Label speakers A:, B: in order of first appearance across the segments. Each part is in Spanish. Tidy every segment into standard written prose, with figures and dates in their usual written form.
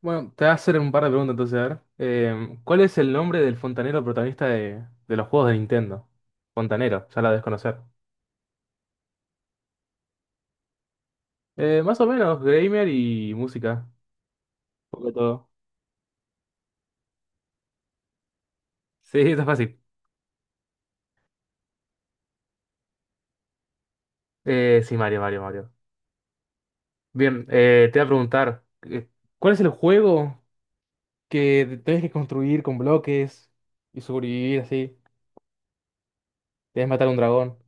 A: Bueno, te voy a hacer un par de preguntas entonces, a ver. ¿Cuál es el nombre del fontanero protagonista de los juegos de Nintendo? Fontanero, ya la debes conocer. Más o menos, gamer y música. Un poco de todo. Sí, está fácil. Sí, Mario, Mario. Bien, te voy a preguntar, ¿cuál es el juego que tenés que construir con bloques y sobrevivir así? Tenés que matar a un dragón.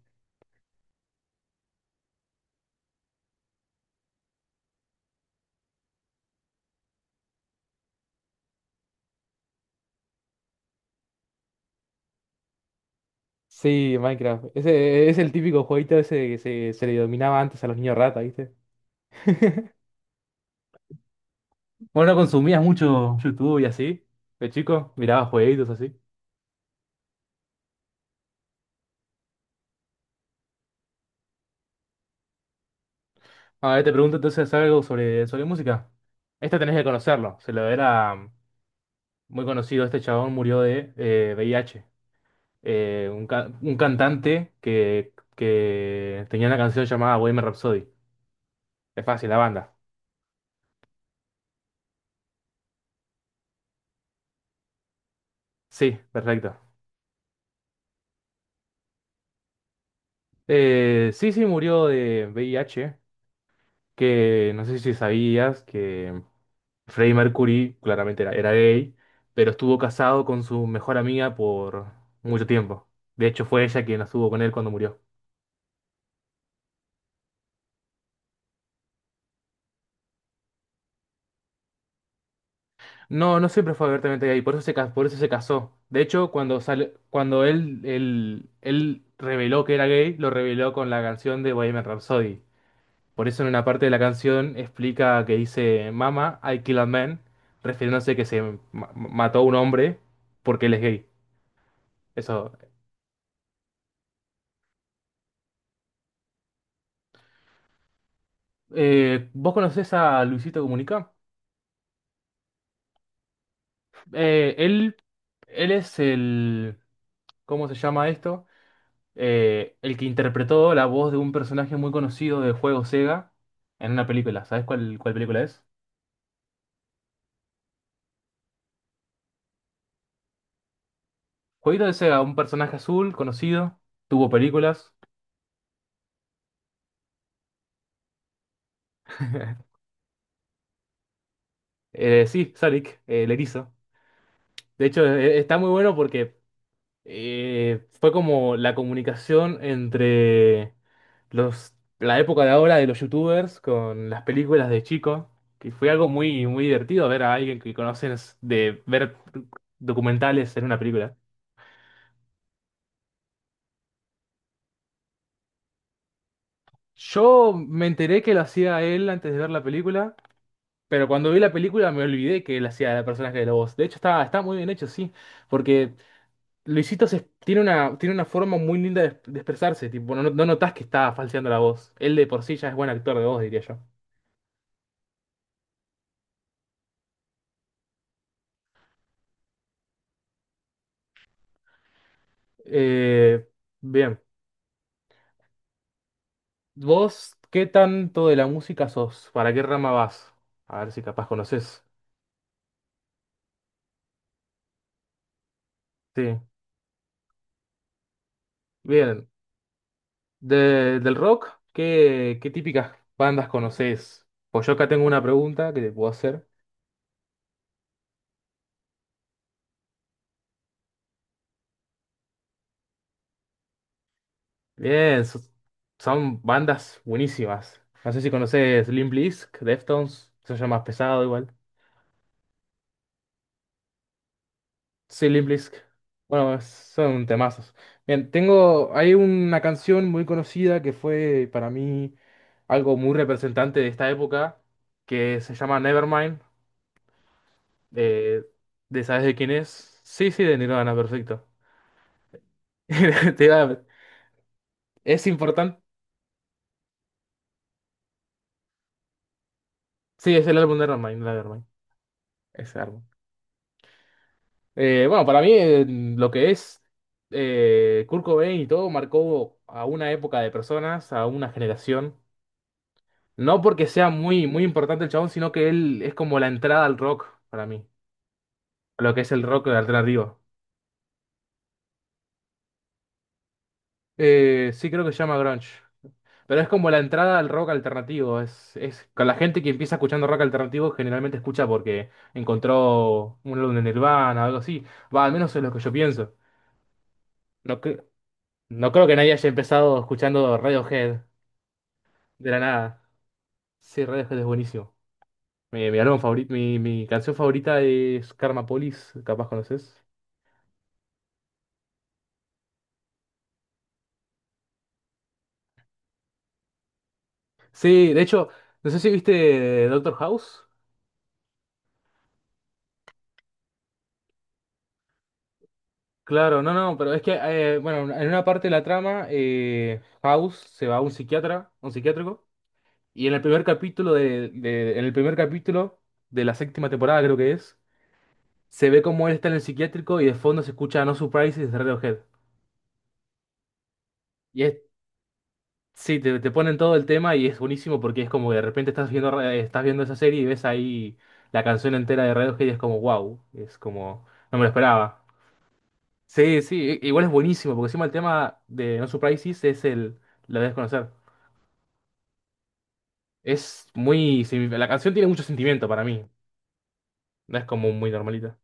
A: Sí, Minecraft. Ese es el típico jueguito ese se le dominaba antes a los niños rata, ¿viste? Bueno, consumías mucho YouTube y así, de chico, mirabas jueguitos así. A ver, te pregunto entonces algo sobre música. Este tenés que conocerlo, se lo era muy conocido, este chabón murió de VIH. Un cantante que tenía una canción llamada Bohemian Rhapsody. Es fácil, la banda. Sí, perfecto. Sí, murió de VIH, que no sé si sabías que... Freddie Mercury claramente era gay, pero estuvo casado con su mejor amiga por mucho tiempo. De hecho, fue ella quien estuvo con él cuando murió. No, no siempre fue abiertamente gay, por eso por eso se casó. De hecho, cuando sale, cuando él reveló que era gay, lo reveló con la canción de Bohemian Rhapsody. Por eso en una parte de la canción explica que dice, Mama, I kill a man, refiriéndose que mató a un hombre porque él es gay. Eso. ¿Vos conocés a Luisito Comunica? Eh, él, él es ¿cómo se llama esto? El que interpretó la voz de un personaje muy conocido de juego Sega en una película. ¿Sabes cuál película es? Jueguito de Sega, un personaje azul conocido, tuvo películas. Sí, Sonic, el erizo. De hecho, está muy bueno porque fue como la comunicación entre la época de ahora de los youtubers con las películas de chico, que fue algo muy divertido ver a alguien que conoces de ver documentales en una película. Yo me enteré que lo hacía él antes de ver la película, pero cuando vi la película me olvidé que él hacía el personaje de la voz. De hecho, está muy bien hecho, sí, porque Luisito tiene una forma muy linda de expresarse, tipo, no notas que está falseando la voz. Él de por sí ya es buen actor de voz, diría yo. Eh, Bien. ¿Vos qué tanto de la música sos? ¿Para qué rama vas? A ver si capaz conoces. Sí. Bien. Del rock, ¿qué típicas bandas conoces? Pues yo acá tengo una pregunta que te puedo hacer. Bien, so- son bandas buenísimas. No sé si conoces Limp Bizkit, Deftones, eso ya más pesado igual. Sí, Limp. Bueno, son temazos. Bien, tengo. Hay una canción muy conocida que fue para mí algo muy representante de esta época, que se llama Nevermind. eh, ¿de sabes de quién es? Sí, sí, de Nirvana, perfecto. Te iba a- Es importante. Sí, es el álbum de Nevermind. Ese álbum. Bueno, para mí lo que es Kurt Cobain y todo marcó a una época de personas, a una generación. No porque sea muy importante el chabón, sino que él es como la entrada al rock para mí. A lo que es el rock alternativo. Sí, creo que se llama grunge. Pero es como la entrada al rock alternativo. Es con la gente que empieza escuchando rock alternativo, generalmente escucha porque encontró un álbum de Nirvana o algo así. Va, al menos es lo que yo pienso. No, cre- no creo que nadie haya empezado escuchando Radiohead de la nada. Sí, Radiohead es buenísimo. Mi álbum favorito, mi canción favorita es Karma Police, capaz conoces. Sí, de hecho, no sé si viste Doctor House. Claro, no, no, pero es que, bueno, en una parte de la trama, House se va a un psiquiatra, un psiquiátrico, y en el primer capítulo en el primer capítulo de la séptima temporada, creo que es, se ve como él está en el psiquiátrico y de fondo se escucha No Surprises de Radiohead. Y es, sí, te ponen todo el tema y es buenísimo porque es como que de repente estás estás viendo esa serie y ves ahí la canción entera de Radiohead y es como, wow, es como, no me lo esperaba. Sí, igual es buenísimo, porque encima el tema de No Surprises es el... La de desconocer. Es muy... sí, la canción tiene mucho sentimiento para mí. No es como muy normalita.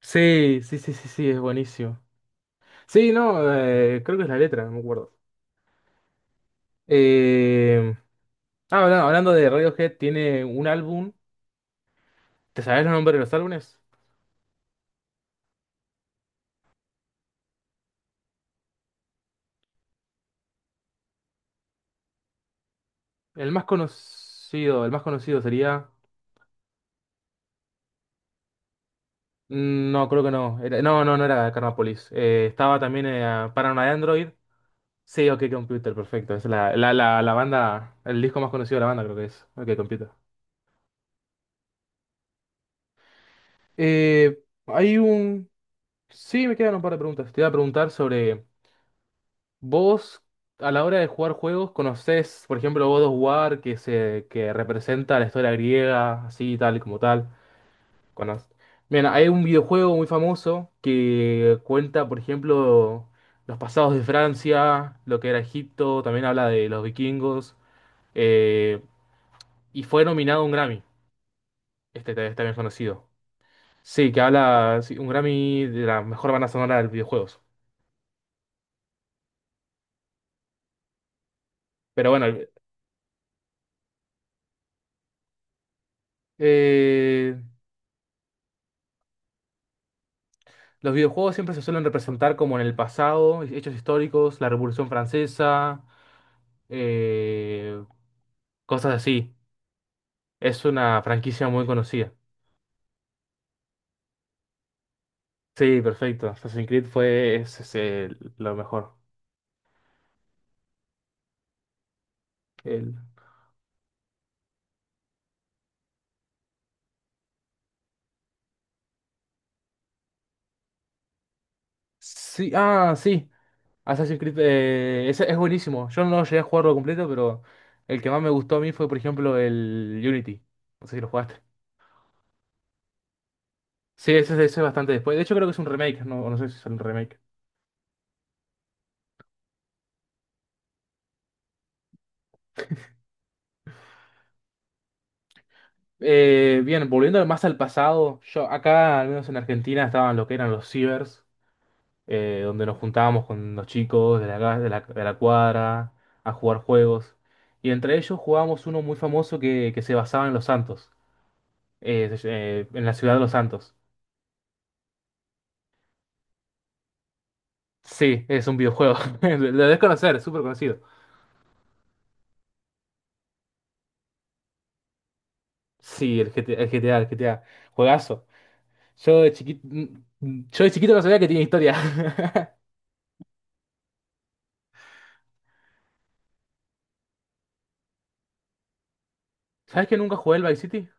A: Sí, es buenísimo. Sí, no, creo que es la letra, no me acuerdo. Eh, Hablando de Radiohead, tiene un álbum. ¿Te sabes los nombres de los álbumes? El más conocido sería... No, creo que no. No, no era Carnapolis. Estaba también Paranoid Android. Sí, OK Computer, perfecto. Es la banda, el disco más conocido de la banda creo que es OK Computer. Eh, hay un... Sí, me quedan un par de preguntas. Te iba a preguntar sobre vos, a la hora de jugar juegos, ¿conocés, por ejemplo, God of War, que representa la historia griega, así, tal, como tal? Cono- Bien, hay un videojuego muy famoso que cuenta, por ejemplo, los pasados de Francia, lo que era Egipto, también habla de los vikingos, eh, y fue nominado a un Grammy. También es conocido. Sí, que habla sí, un Grammy de la mejor banda sonora de los videojuegos. Pero bueno, el- eh, los videojuegos siempre se suelen representar como en el pasado, hechos históricos, la Revolución Francesa, eh, cosas así. Es una franquicia muy conocida. Sí, perfecto. Assassin's Creed es lo mejor. El- Sí, ah, sí. Assassin's Creed es buenísimo. Yo no llegué a jugarlo completo, pero el que más me gustó a mí fue, por ejemplo, el Unity. No sé si lo jugaste. Sí, ese es bastante después. De hecho, creo que es un remake. No, no sé si es un remake. Bien, volviendo más al pasado, yo acá, al menos en Argentina, estaban lo que eran los cibers, donde nos juntábamos con los chicos de la, ca- de la cuadra a jugar juegos. Y entre ellos jugábamos uno muy famoso que se basaba en Los Santos, en la ciudad de Los Santos. Sí, es un videojuego. Lo debes conocer, es súper conocido. Sí, el GTA, el GTA, el GTA. Juegazo. Yo de chiquito, yo de chiquito no sabía que tenía historia. ¿Sabes que nunca jugué el Vice City?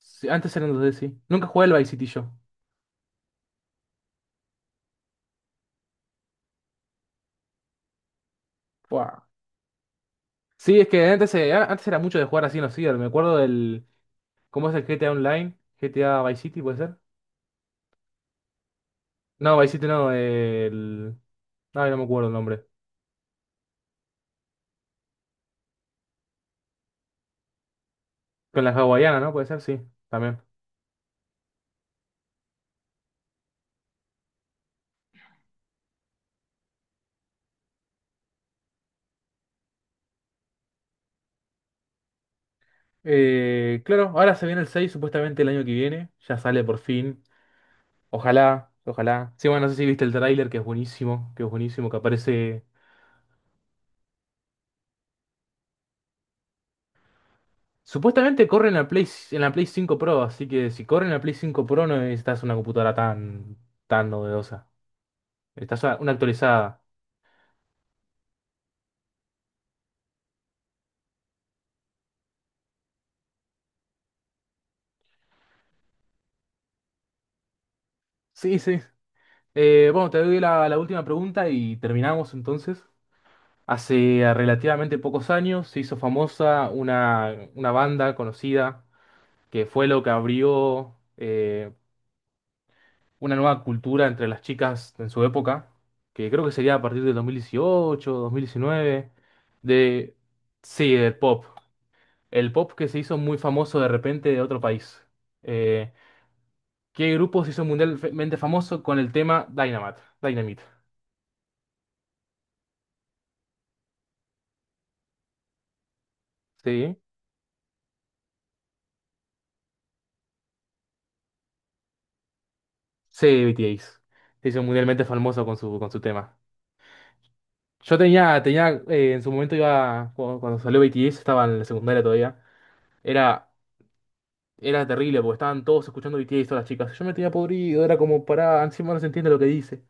A: Sí, antes eran 2D, sí. Nunca jugué el Vice City yo. Buah. Sí, es que antes, antes era mucho de jugar así en los ciber. Me acuerdo del... ¿Cómo es el GTA Online? ¿GTA Vice City puede ser? No, Vice City no, el... Ay, no me acuerdo el nombre. Con la hawaiana, ¿no? Puede ser, sí, también. Claro, ahora se viene el 6 supuestamente el año que viene. Ya sale por fin. Ojalá, ojalá. Sí, bueno, no sé si viste el tráiler, que es buenísimo, que es buenísimo, que aparece. Supuestamente corre en la Play, en la Play 5 Pro, así que si corre en la Play 5 Pro no necesitas una computadora tan novedosa. Estás una actualizada. Sí, sí. Bueno, te doy la última pregunta y terminamos entonces. Hace relativamente pocos años se hizo famosa una banda conocida que fue lo que abrió una nueva cultura entre las chicas en su época, que creo que sería a partir del 2018, 2019, de... Sí, del pop. El pop que se hizo muy famoso de repente de otro país. Eh, ¿Qué grupo se hizo mundialmente famoso con el tema Dynamite? Dynamite. Sí. Sí, BTS. Se hizo mundialmente famoso con con su tema. Yo tenía, en su momento iba, cuando salió BTS, estaba en la secundaria todavía. Era Era terrible porque estaban todos escuchando BTS y todas las chicas. Yo me tenía podrido, era como pará, encima no se entiende lo que dice.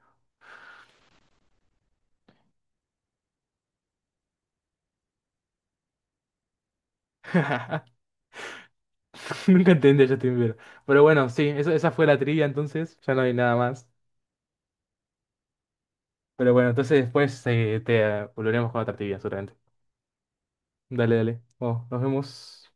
A: Nunca entendí a Justin Bieber. Pero bueno, sí, esa fue la trivia entonces, ya no hay nada más. Pero bueno, entonces después te volveremos con otra trivia, seguramente. Dale, dale. Bueno, nos vemos.